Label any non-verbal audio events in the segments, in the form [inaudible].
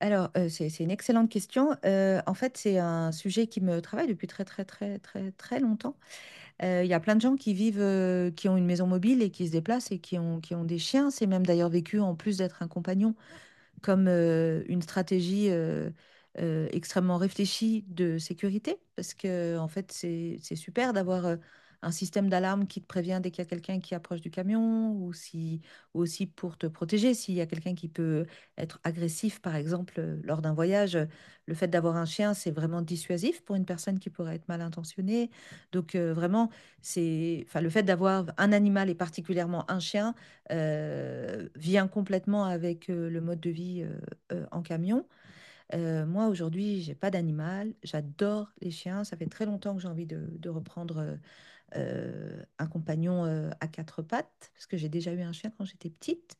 C'est une excellente question. En fait, c'est un sujet qui me travaille depuis très, très, très, très, très longtemps. Il y a plein de gens qui vivent, qui ont une maison mobile et qui se déplacent et qui ont des chiens. C'est même d'ailleurs vécu, en plus d'être un compagnon, comme une stratégie extrêmement réfléchie de sécurité, parce que en fait, c'est super d'avoir un système d'alarme qui te prévient dès qu'il y a quelqu'un qui approche du camion, ou si, ou aussi pour te protéger, s'il y a quelqu'un qui peut être agressif, par exemple, lors d'un voyage. Le fait d'avoir un chien, c'est vraiment dissuasif pour une personne qui pourrait être mal intentionnée. Vraiment, c'est, enfin, le fait d'avoir un animal et particulièrement un chien vient complètement avec, le mode de vie, en camion. Moi, aujourd'hui, j'ai pas d'animal, j'adore les chiens, ça fait très longtemps que j'ai envie de reprendre, un compagnon, à 4 pattes, parce que j'ai déjà eu un chien quand j'étais petite.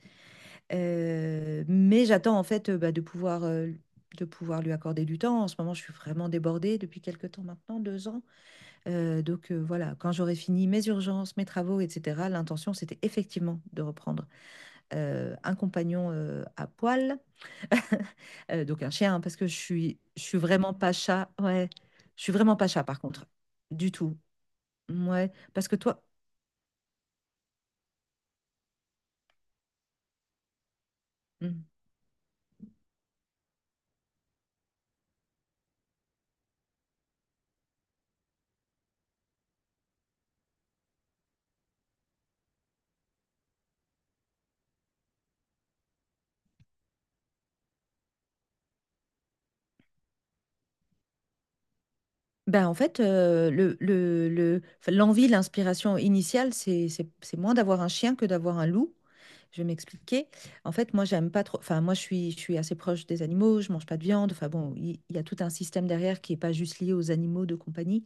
Mais j'attends en fait, bah, de pouvoir lui accorder du temps. En ce moment, je suis vraiment débordée depuis quelque temps maintenant, 2 ans. Donc voilà, quand j'aurai fini mes urgences, mes travaux et cetera, l'intention, c'était effectivement de reprendre un compagnon à poil, [laughs] donc un chien, hein, parce que je suis vraiment pas chat. Ouais, je suis vraiment pas chat par contre, du tout. Ouais, parce que toi, mm. Ben, en fait, l'envie, l'inspiration initiale, c'est, c'est moins d'avoir un chien que d'avoir un loup. Je vais m'expliquer. En fait, moi, j'aime pas trop. Enfin, moi, je suis assez proche des animaux. Je mange pas de viande. Enfin bon, il il y a tout un système derrière qui est pas juste lié aux animaux de compagnie.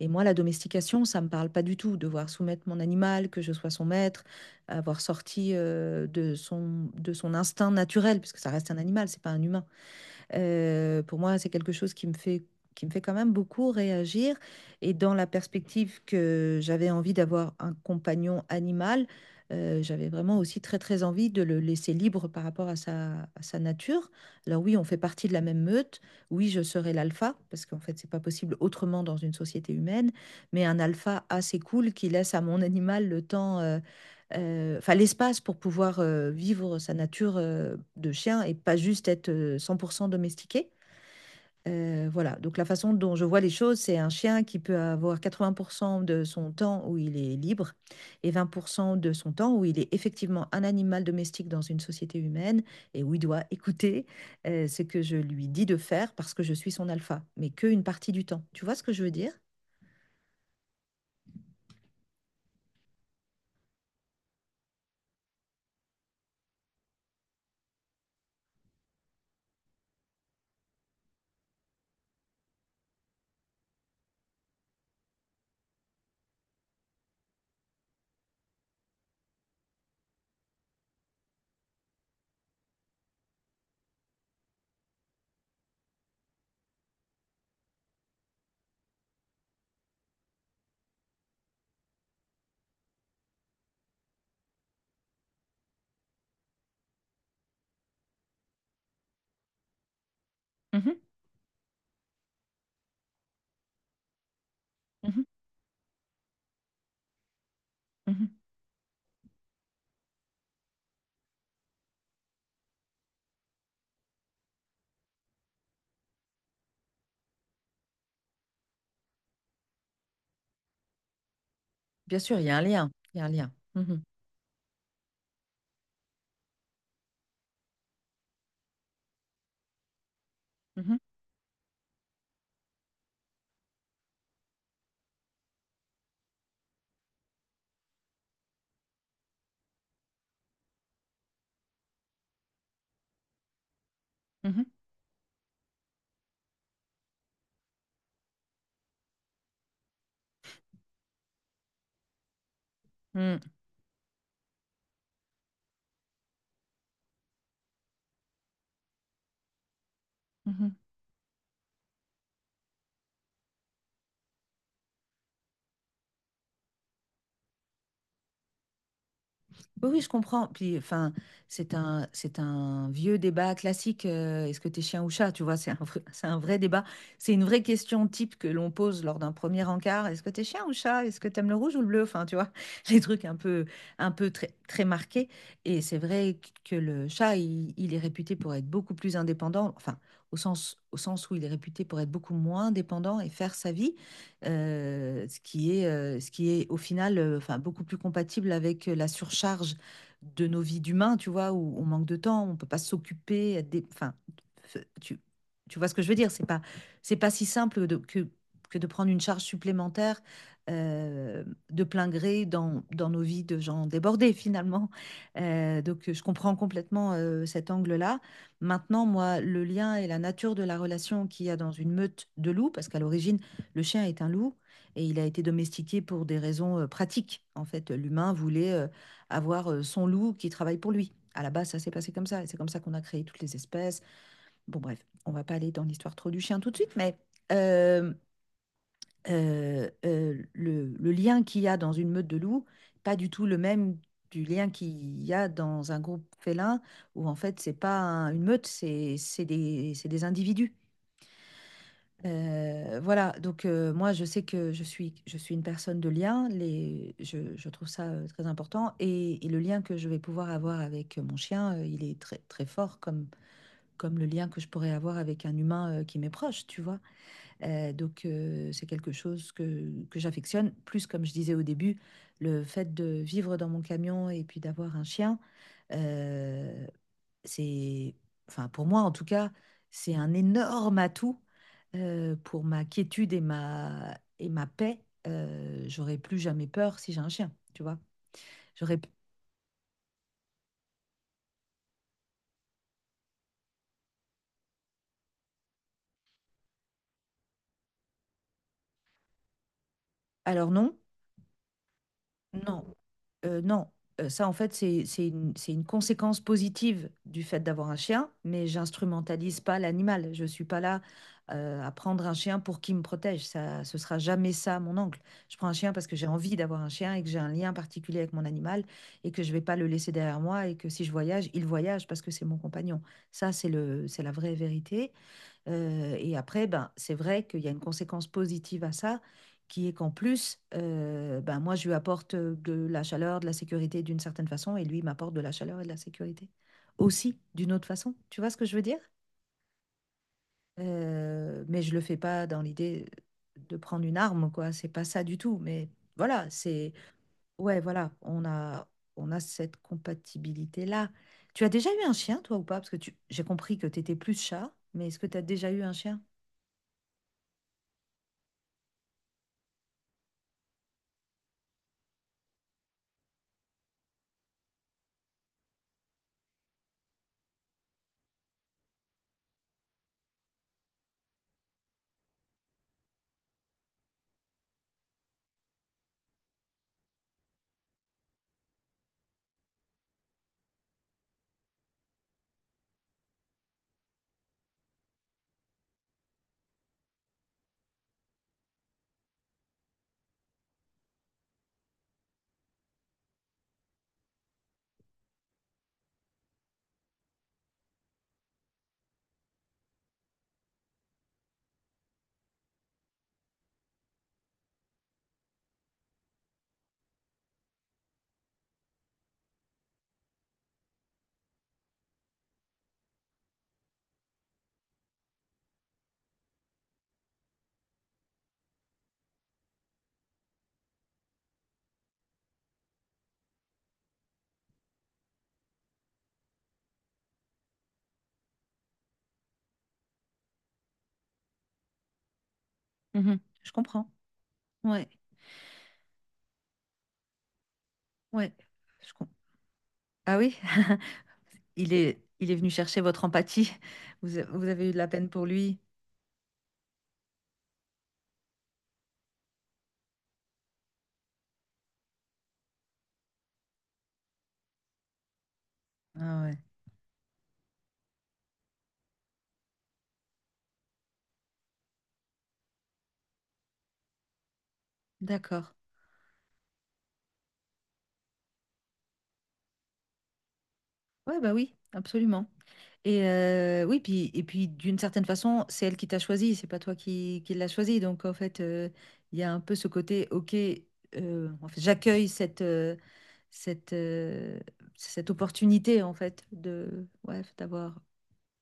Et moi, la domestication, ça me parle pas du tout. Devoir soumettre mon animal, que je sois son maître, avoir sorti de son instinct naturel, puisque ça reste un animal, c'est pas un humain. Pour moi, c'est quelque chose qui me fait quand même beaucoup réagir. Et dans la perspective que j'avais envie d'avoir un compagnon animal, j'avais vraiment aussi très très envie de le laisser libre par rapport à sa nature. Alors oui, on fait partie de la même meute. Oui, je serai l'alpha, parce qu'en fait, c'est pas possible autrement dans une société humaine. Mais un alpha assez cool qui laisse à mon [laughs] animal le temps, enfin l'espace pour pouvoir vivre sa nature de chien et pas juste être 100% domestiqué. Voilà, donc la façon dont je vois les choses, c'est un chien qui peut avoir 80% de son temps où il est libre et 20% de son temps où il est effectivement un animal domestique dans une société humaine et où il doit écouter ce que je lui dis de faire parce que je suis son alpha, mais qu'une partie du temps. Tu vois ce que je veux dire? Mhm, mhm, mhm. Bien sûr, il y a un lien. Il y a un lien. Mhm, mhm, mhm, mm. Mhm. Oui, oui, je comprends. Puis, enfin, c'est un vieux débat classique. Est-ce que t'es chien ou chat? Tu vois, [laughs] c'est un vrai débat. C'est une vraie question type que l'on pose lors d'un premier encart. Est-ce que t'es chien ou chat? Est-ce que t'aimes le rouge ou le bleu? Enfin, tu vois, [laughs] les trucs un peu très, très marqués. Et c'est vrai que le chat, il est réputé pour être beaucoup plus indépendant. Enfin, au sens où il est réputé pour être beaucoup moins dépendant et faire sa vie. Ce qui est au final enfin, beaucoup plus compatible avec la surcharge de nos vies d'humains, tu vois, où on manque de temps, on peut pas s'occuper, être des... enfin, f- tu vois ce que je veux dire, c'est pas si simple que de prendre une charge supplémentaire euh, de plein gré dans, dans nos vies de gens débordés finalement. Donc je comprends complètement cet angle-là. Maintenant, moi, le lien et la nature de la relation qu'il y a dans une meute de loups, parce qu'à l'origine, le chien est un loup et il a été domestiqué pour des raisons pratiques. En fait, l'humain voulait avoir son loup qui travaille pour lui. À la base, ça s'est passé comme ça et c'est comme ça qu'on a créé toutes les espèces. Bon, bref, on va pas aller dans l'histoire trop du chien tout de suite, mais euh, le lien qu'il y a dans une meute de loups, pas du tout le même du lien qu'il y a dans un groupe félin où en fait, c'est pas un- une meute, c'est c'est des individus. Voilà, donc moi je sais que je suis une personne de lien, je trouve ça très important et le lien que je vais pouvoir avoir avec mon chien, il est très, très fort comme, comme le lien que je pourrais avoir avec un humain qui m'est proche, tu vois. Donc c'est quelque chose que j'affectionne. Plus, comme je disais au début, le fait de vivre dans mon camion et puis d'avoir un chien, euh, c'est, enfin, pour moi en tout cas, c'est un énorme atout pour ma quiétude et ma paix. J'aurais plus jamais peur si j'ai un chien, tu vois. J'aurais... Alors non, non, non. Ça, en fait, c'est une conséquence positive du fait d'avoir un chien, mais j'instrumentalise pas l'animal. Je suis pas là à prendre un chien pour qu'il me protège. Ça, ce sera jamais ça, mon oncle. Je prends un chien parce que j'ai envie d'avoir un chien et que j'ai un lien particulier avec mon animal et que je vais pas le laisser derrière moi et que si je voyage, il voyage parce que c'est mon compagnon. C'est la vraie vérité. Et après, ben, c'est vrai qu'il y a une conséquence positive à ça, qui est qu'en plus, ben, moi, je lui apporte de la chaleur, de la sécurité d'une certaine façon, et lui il m'apporte de la chaleur et de la sécurité aussi d'une autre façon. Tu vois ce que je veux dire? Mais je le fais pas dans l'idée de prendre une arme, quoi. C'est pas ça du tout. Mais voilà, c'est... Ouais, voilà, on a cette compatibilité-là. Tu as déjà eu un chien, toi, ou pas? Parce que tu... j'ai compris que tu étais plus chat, mais est-ce que tu as déjà eu un chien? Mhm. Je comprends. Ouais, ouais. Je com- Ah oui, [laughs] il est venu chercher votre empathie. Vous, vous avez eu de la peine pour lui. Ah ouais. D'accord. Ouais, bah oui, absolument. Oui, puis et puis d'une certaine façon, c'est elle qui t'a choisi, c'est pas toi qui l'as choisi. Il y a un peu ce côté, ok, en fait, j'accueille cette euh, cette opportunité en fait de ouais d'avoir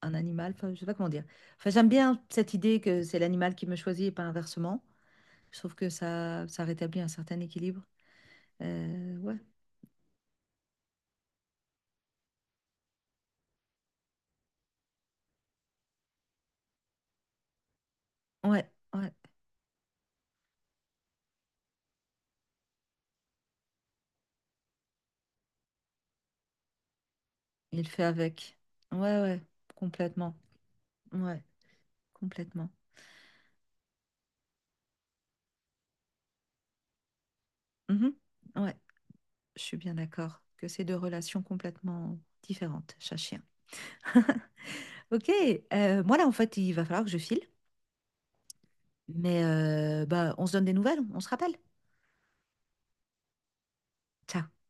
un animal, enfin, je sais pas comment dire. Enfin, j'aime bien cette idée que c'est l'animal qui me choisit et pas inversement. Je trouve que ça rétablit un certain équilibre. Euh, ouais, ouais, ouais. Il fait avec. Ouais, ouais, complètement. Ouais, complètement. Mhm. Ouais, je suis bien d'accord que c'est deux relations complètement différentes, chat-chien. [laughs] Ok, moi là, en fait, il va falloir que je file. Bah, on se donne des nouvelles, on se rappelle. Ciao.